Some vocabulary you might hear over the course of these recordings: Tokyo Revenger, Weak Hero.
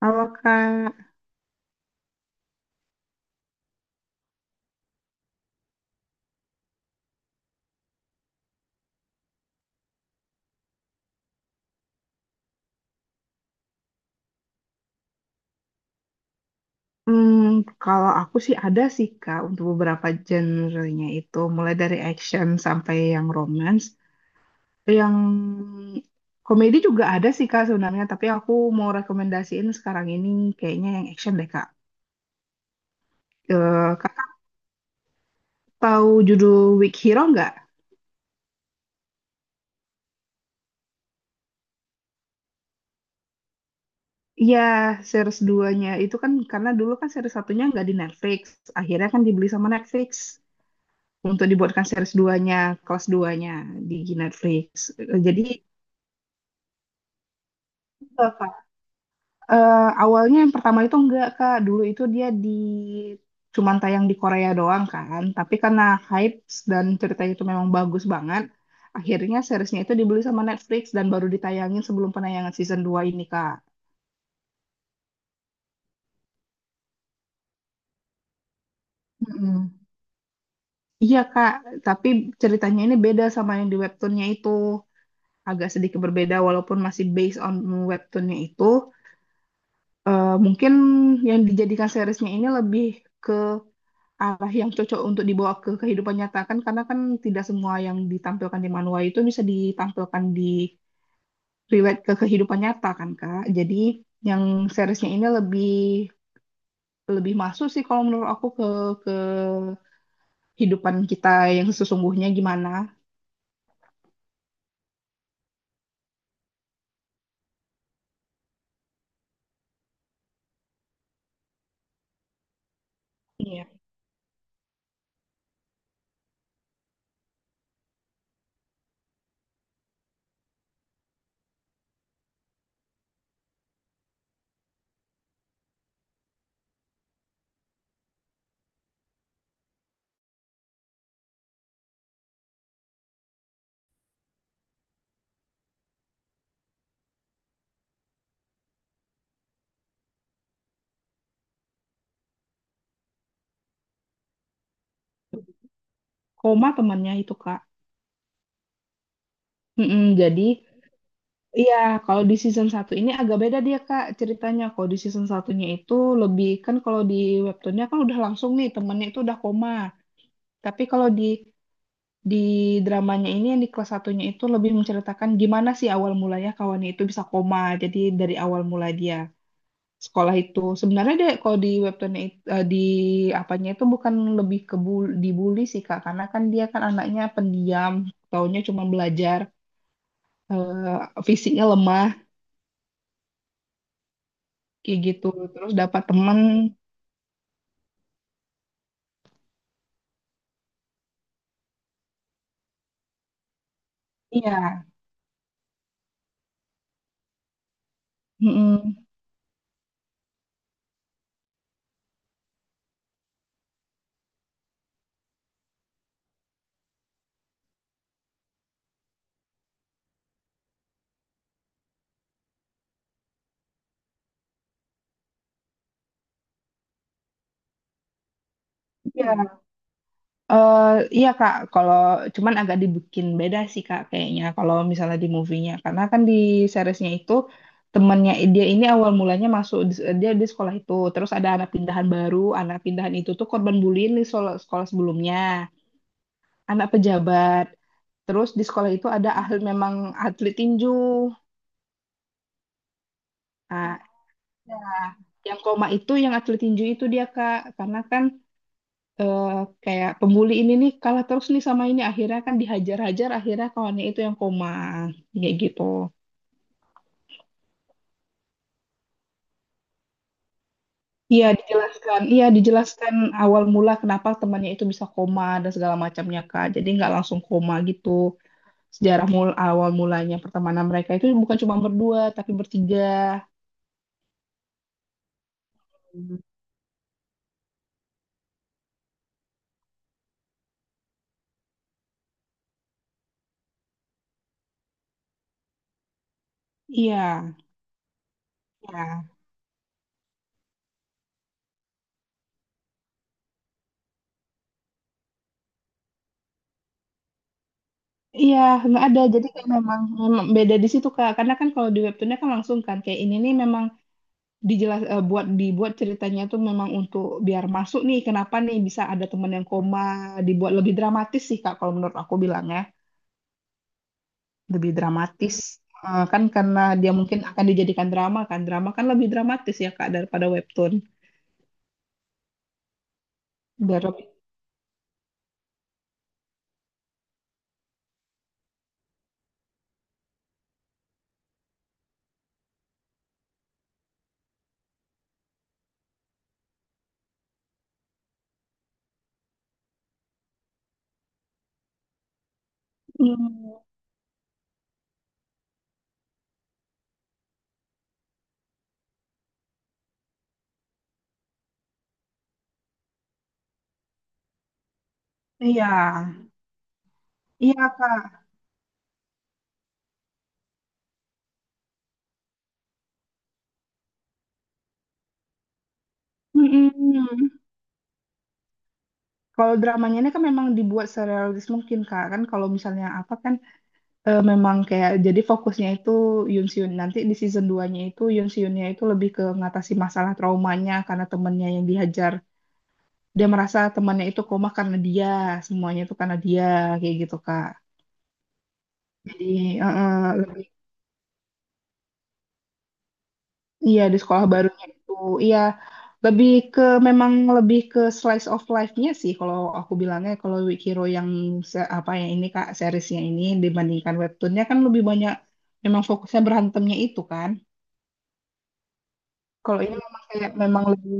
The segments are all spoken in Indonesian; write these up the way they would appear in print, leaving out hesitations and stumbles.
Kalau Kak, hmm, kalau aku sih ada sih Kak untuk beberapa genre-nya itu, mulai dari action sampai yang romance, yang komedi juga ada sih Kak sebenarnya, tapi aku mau rekomendasiin sekarang ini kayaknya yang action deh Kak. Eh, Kakak tahu judul Weak Hero nggak? Iya, series duanya itu kan karena dulu kan series satunya nggak di Netflix, akhirnya kan dibeli sama Netflix untuk dibuatkan series duanya, kelas duanya nya di Netflix. Eh, Jadi itu Awalnya yang pertama itu enggak Kak, dulu itu dia di cuman tayang di Korea doang kan, tapi karena hype dan ceritanya itu memang bagus banget, akhirnya seriesnya itu dibeli sama Netflix dan baru ditayangin sebelum penayangan season dua ini Kak. Mm-mm. Iya Kak, tapi ceritanya ini beda sama yang di webtoonnya itu, agak sedikit berbeda walaupun masih based on webtoonnya itu, mungkin yang dijadikan seriesnya ini lebih arah yang cocok untuk dibawa ke kehidupan nyata kan karena kan tidak semua yang ditampilkan di manual itu bisa ditampilkan di relate ke kehidupan nyata kan Kak. Jadi yang seriesnya ini lebih lebih masuk sih kalau menurut aku ke kehidupan kita yang sesungguhnya gimana. Iya. Koma temannya itu Kak. Mm-mm, jadi iya, kalau di season satu ini agak beda dia Kak ceritanya. Kalau di season satunya itu lebih kan kalau di webtoonnya kan udah langsung nih temennya itu udah koma. Tapi kalau di dramanya ini yang di kelas satunya itu lebih menceritakan gimana sih awal mulanya kawannya itu bisa koma. Jadi dari awal mula dia sekolah itu sebenarnya deh kalau di webtoonnya di apanya itu bukan lebih ke dibully sih Kak karena kan dia kan anaknya pendiam, taunya cuma belajar, fisiknya lemah kayak gitu. Terus dapat teman, iya, mm eh iya Kak, kalau cuman agak dibikin beda sih Kak kayaknya kalau misalnya di movie-nya. Karena kan di seriesnya itu temennya dia ini awal mulanya masuk dia di sekolah itu, terus ada anak pindahan baru, anak pindahan itu tuh korban bullying di sekolah, sekolah sebelumnya, anak pejabat. Terus di sekolah itu ada ahli memang atlet tinju. Nah, ya, yang koma itu yang atlet tinju itu dia Kak, karena kan eh, kayak pembuli ini nih kalah terus nih sama ini akhirnya kan dihajar-hajar akhirnya kawannya itu yang koma kayak gitu. Iya dijelaskan awal mula kenapa temannya itu bisa koma dan segala macamnya Kak. Jadi nggak langsung koma gitu. Sejarah mul awal mulanya pertemanan mereka itu bukan cuma berdua tapi bertiga. Iya, iya, iya, nggak ada. Jadi kayak memang, memang beda di situ Kak. Karena kan kalau di webtoonnya kan langsung kan kayak ini nih memang buat dibuat ceritanya tuh memang untuk biar masuk nih kenapa nih bisa ada teman yang koma dibuat lebih dramatis sih Kak kalau menurut aku bilangnya lebih dramatis. Kan karena dia mungkin akan dijadikan drama kan lebih dramatis ya Kak daripada webtoon biar lebih hmm, iya iya Kak. Mm-mm. Kalau dramanya ini kan memang dibuat serealis mungkin Kak kan kalau misalnya apa kan, memang kayak jadi fokusnya itu Yun Seon. Nanti di season 2-nya itu Yun Seonnya itu lebih ke ngatasi masalah traumanya karena temennya yang dihajar. Dia merasa temannya itu koma karena dia, semuanya itu karena dia kayak gitu Kak. Jadi eh, eh, lebih iya di sekolah barunya itu iya lebih ke memang lebih ke slice of life-nya sih kalau aku bilangnya kalau Weak Hero yang se- apa ya ini Kak seriesnya ini dibandingkan webtoonnya kan lebih banyak memang fokusnya berantemnya itu kan. Kalau ini memang kayak memang lebih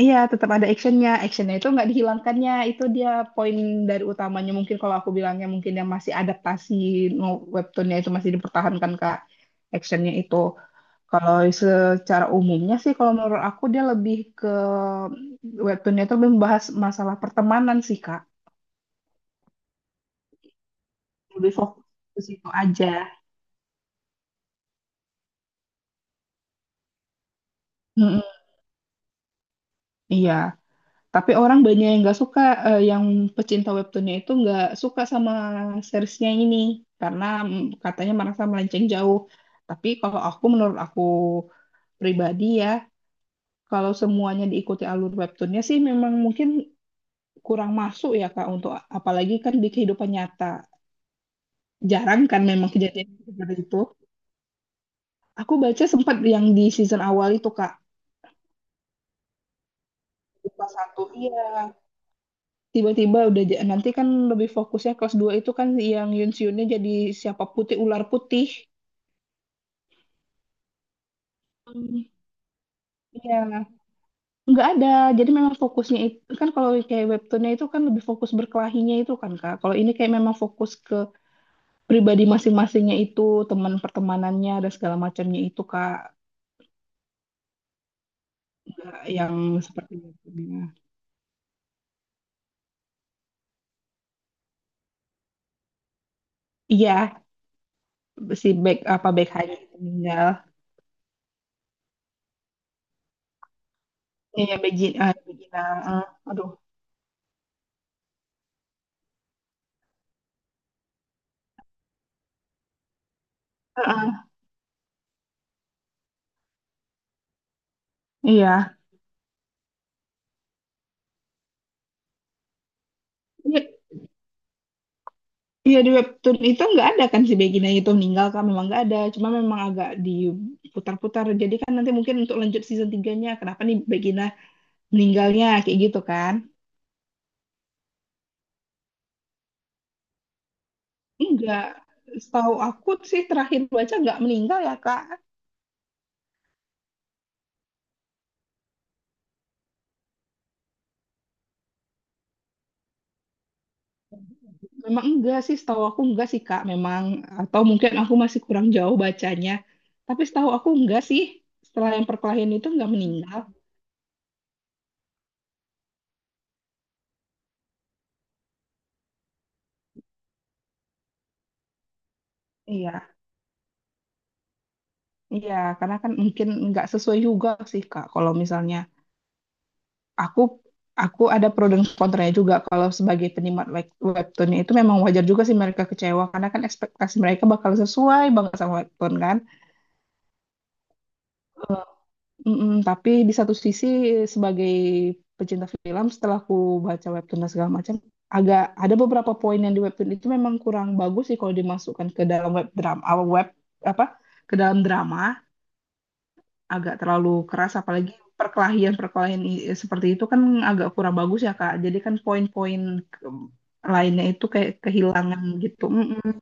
iya tetap ada actionnya, actionnya itu nggak dihilangkannya itu dia poin dari utamanya mungkin kalau aku bilangnya mungkin yang masih adaptasi webtoonnya itu masih dipertahankan Kak actionnya itu. Kalau secara umumnya sih kalau menurut aku dia lebih ke webtoonnya itu lebih membahas masalah pertemanan sih Kak, lebih fokus ke situ aja. Mm-mm. Iya. Tapi orang banyak yang nggak suka, yang pecinta webtoonnya itu nggak suka sama seriesnya ini karena katanya merasa melenceng jauh. Tapi kalau aku menurut aku pribadi ya, kalau semuanya diikuti alur webtoonnya sih memang mungkin kurang masuk ya Kak untuk apalagi kan di kehidupan nyata. Jarang kan memang kejadian seperti itu. Aku baca sempat yang di season awal itu Kak. Lupa satu, iya. Tiba-tiba udah nanti kan lebih fokusnya kelas 2 itu kan yang Yunsiunnya jadi siapa putih ular putih. Hmm. Iya, nggak ada. Jadi memang fokusnya itu kan kalau kayak webtoonnya itu kan lebih fokus berkelahinya itu kan Kak. Kalau ini kayak memang fokus ke pribadi masing-masingnya itu, teman pertemanannya dan segala macamnya itu Kak. Nggak yang seperti webtoonnya. Iya, si back apa back hanya meninggal. Iya, Begina, ah, aduh. Ah, ah, Iya, iya. Iya di webtoon itu nggak ada kan si Begina itu meninggal kan memang nggak ada cuma memang agak diputar-putar jadi kan nanti mungkin untuk lanjut season 3-nya kenapa nih Begina meninggalnya kayak gitu kan enggak, setahu aku sih terakhir baca nggak meninggal ya kak. Memang enggak sih setahu aku enggak sih kak memang atau mungkin aku masih kurang jauh bacanya, tapi setahu aku enggak sih setelah yang perkelahian itu nggak meninggal. Iya, iya karena kan mungkin nggak sesuai juga sih kak kalau misalnya aku aku ada pro dan kontranya juga kalau sebagai penikmat webtoonnya itu memang wajar juga sih mereka kecewa karena kan ekspektasi mereka bakal sesuai banget sama webtoon kan. Eh, Mm-mm, tapi di satu sisi sebagai pecinta film setelah aku baca webtoon dan segala macam agak ada beberapa poin yang di webtoon itu memang kurang bagus sih kalau dimasukkan ke dalam web drama web apa ke dalam drama agak terlalu keras apalagi seperti itu kan agak kurang bagus ya Kak. Jadi kan poin-poin ke- lainnya itu kayak kehilangan gitu. Mm-mm.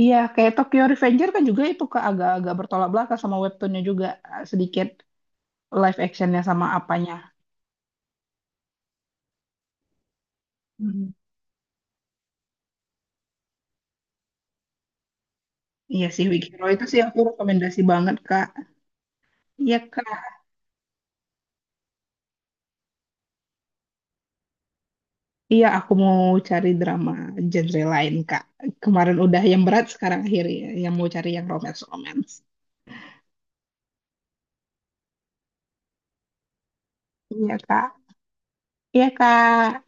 Iya, kayak Tokyo Revenger kan juga itu Kak agak-agak bertolak belakang sama webtoonnya juga sedikit live actionnya sama apanya. Mm. Iya sih, Weak Hero itu sih aku rekomendasi banget Kak. Iya Kak. Iya, aku mau cari drama genre lain Kak. Kemarin udah yang berat, sekarang akhirnya yang mau cari yang romance-romance. Iya Kak. Iya, Kak.